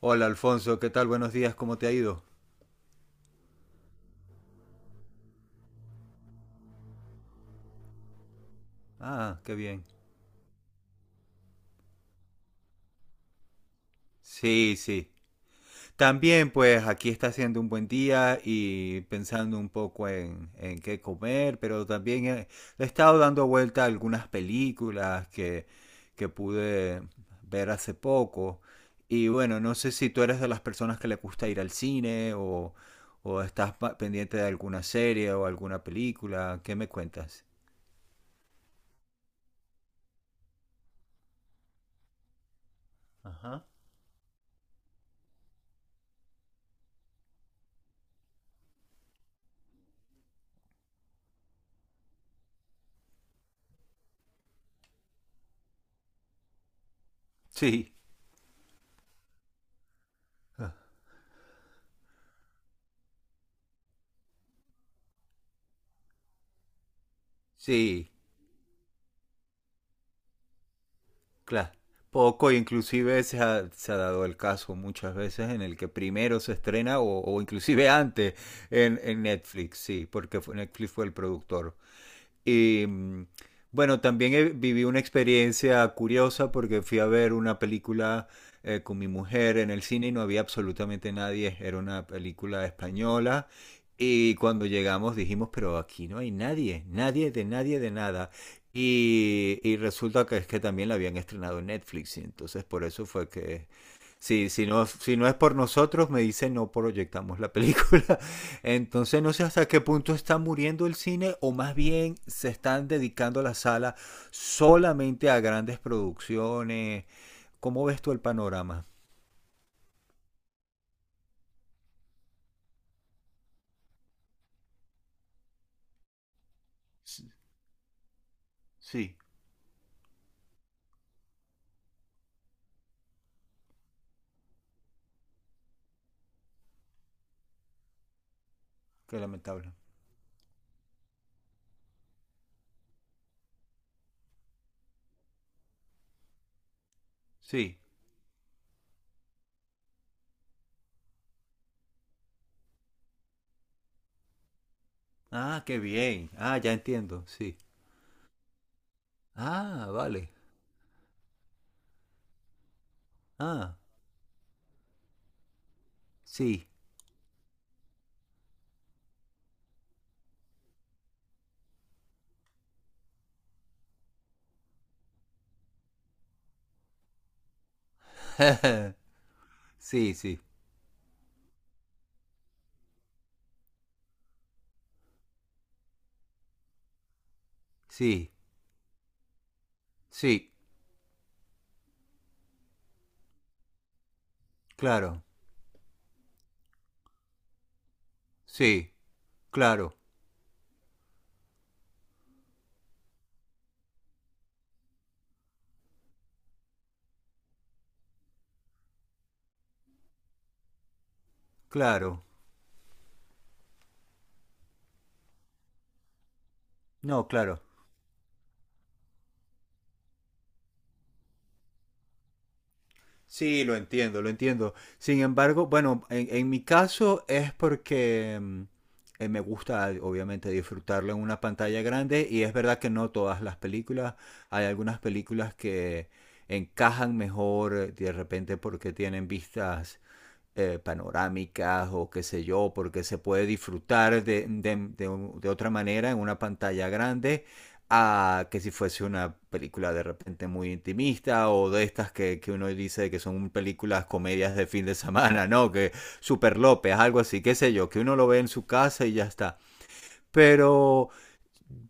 Hola Alfonso, ¿qué tal? Buenos días, ¿cómo te ha ido? Ah, qué bien. Sí, sí. También pues aquí está haciendo un buen día y pensando un poco en qué comer, pero también he estado dando vuelta a algunas películas que pude ver hace poco. Y bueno, no sé si tú eres de las personas que le gusta ir al cine o estás pendiente de alguna serie o alguna película. ¿Qué me cuentas? Ajá. Sí. Ah. Sí. Claro. Poco, inclusive se ha dado el caso muchas veces en el que primero se estrena o inclusive antes en Netflix, sí, porque Netflix fue el productor. Y bueno, también viví una experiencia curiosa porque fui a ver una película con mi mujer en el cine y no había absolutamente nadie. Era una película española. Y cuando llegamos dijimos, pero aquí no hay nadie, nadie de nadie de nada. Y resulta que es que también la habían estrenado en Netflix. Y entonces por eso fue que sí, si no, si no es por nosotros, me dice no proyectamos la película. Entonces no sé hasta qué punto está muriendo el cine o más bien se están dedicando a la sala solamente a grandes producciones. ¿Cómo ves tú el panorama? S- Sí, qué lamentable. Sí. Ah, qué bien. Ah, ya entiendo. Sí. Ah, vale. Ah, sí. Sí, sí. Sí. Sí. Claro. Sí. Claro. Claro. No, claro. Sí, lo entiendo, lo entiendo. Sin embargo, bueno, en mi caso es porque me gusta obviamente disfrutarlo en una pantalla grande y es verdad que no todas las películas, hay algunas películas que encajan mejor de repente porque tienen vistas panorámicas o qué sé yo, porque se puede disfrutar de otra manera en una pantalla grande a que si fuese una película de repente muy intimista o de estas que uno dice que son películas comedias de fin de semana, ¿no? Que Super López, algo así, qué sé yo, que uno lo ve en su casa y ya está. Pero...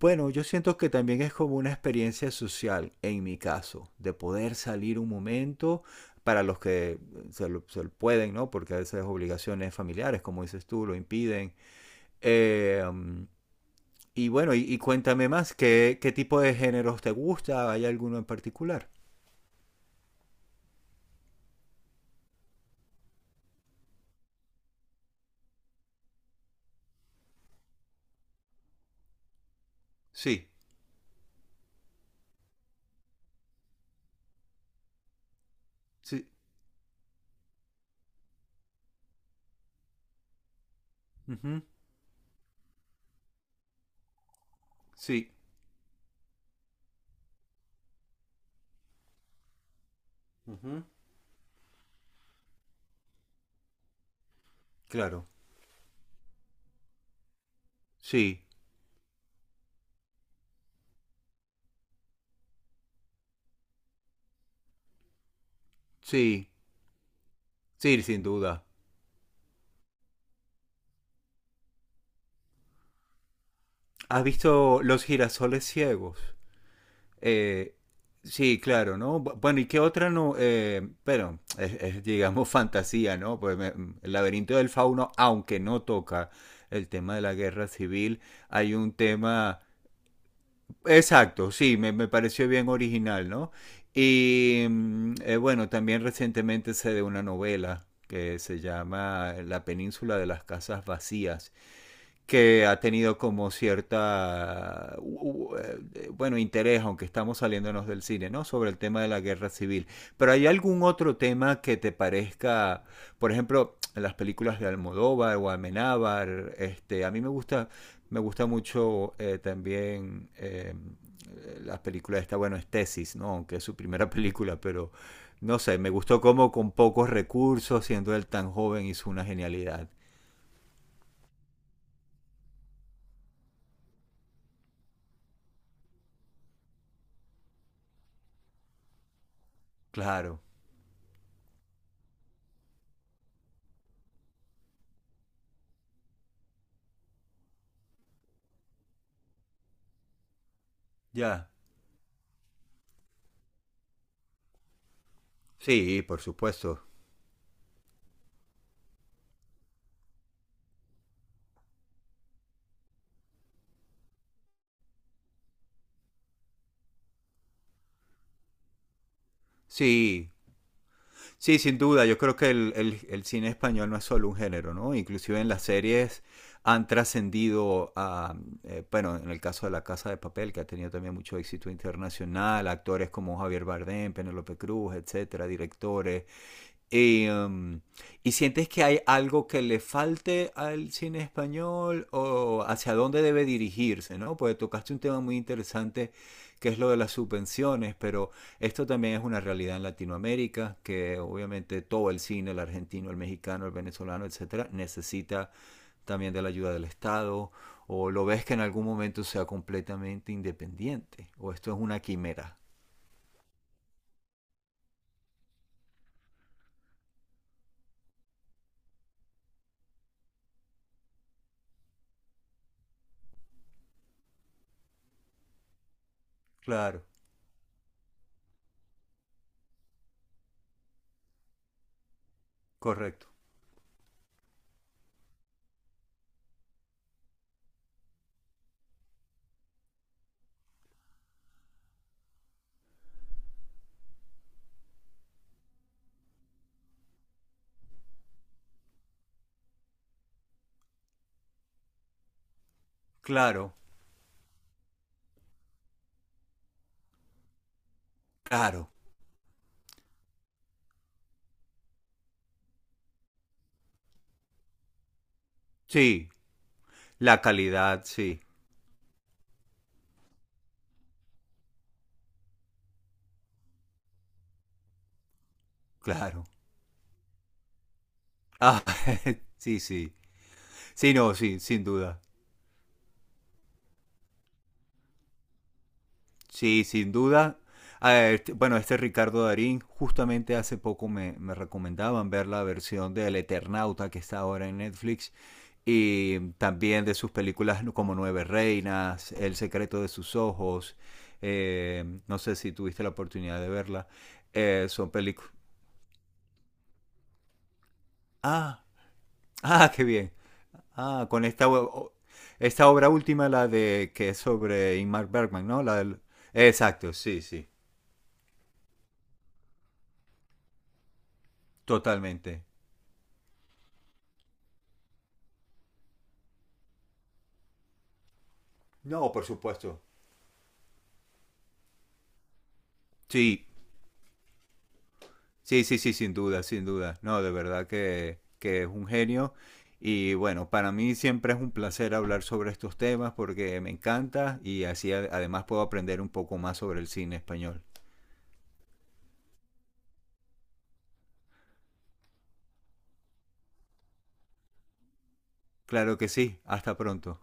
Bueno, yo siento que también es como una experiencia social, en mi caso, de poder salir un momento para los que se lo pueden, ¿no? Porque a veces obligaciones familiares, como dices tú, lo impiden. Eh, y bueno, y cuéntame más, qué tipo de géneros te gusta? ¿Hay alguno en particular? Sí, sí, ujú, sí, ujú, claro, sí, sí, sí, sin duda. ¿Has visto Los girasoles ciegos? Eh, sí, claro, ¿no? Bueno, ¿y qué otra no? Pero es, digamos, fantasía, ¿no? Pues el laberinto del fauno, aunque no toca el tema de la guerra civil, hay un tema... Exacto, sí, me pareció bien original, ¿no? Y bueno, también recientemente sé de una novela que se llama La península de las casas vacías que ha tenido como cierta, bueno, interés, aunque estamos saliéndonos del cine, ¿no? Sobre el tema de la guerra civil. Pero ¿hay algún otro tema que te parezca, por ejemplo, las películas de Almodóvar o Amenábar? Este, a mí me gusta mucho también las películas esta, bueno, es Tesis, ¿no? Aunque es su primera película, pero no sé, me gustó como con pocos recursos, siendo él tan joven, hizo una genialidad. Claro, ya. Sí, por supuesto. Sí, sí, sin duda. Yo creo que el cine español no es solo un género, ¿no? Inclusive en las series han trascendido a, bueno, en el caso de La Casa de Papel, que ha tenido también mucho éxito internacional, actores como Javier Bardem, Penélope Cruz, etcétera, directores. Y, ¿y sientes que hay algo que le falte al cine español o hacia dónde debe dirigirse, ¿no? Porque tocaste un tema muy interesante que es lo de las subvenciones, pero esto también es una realidad en Latinoamérica, que obviamente todo el cine, el argentino, el mexicano, el venezolano, etcétera, necesita también de la ayuda del Estado, o lo ves que en algún momento sea completamente independiente, o esto es una quimera. Claro, correcto. Claro, claro. Sí, la calidad, sí, claro. Ah, sí, sí. Sí, no, sí, sin duda. Sí, sin duda. A ver, bueno, este Ricardo Darín, justamente hace poco me recomendaban ver la versión del Eternauta que está ahora en Netflix y también de sus películas como Nueve Reinas, El secreto de sus ojos. No sé si tuviste la oportunidad de verla. Son películas. Ah, ah, qué bien. Ah, con esta, esta obra última, la de que es sobre Ingmar Bergman, ¿no? La del... Exacto, sí, sí, totalmente. No, por supuesto. Sí, sí, sí, sí, sin duda, sin duda. No, de verdad que es un genio. Y bueno, para mí siempre es un placer hablar sobre estos temas porque me encanta y así además puedo aprender un poco más sobre el cine español. Claro que sí, hasta pronto.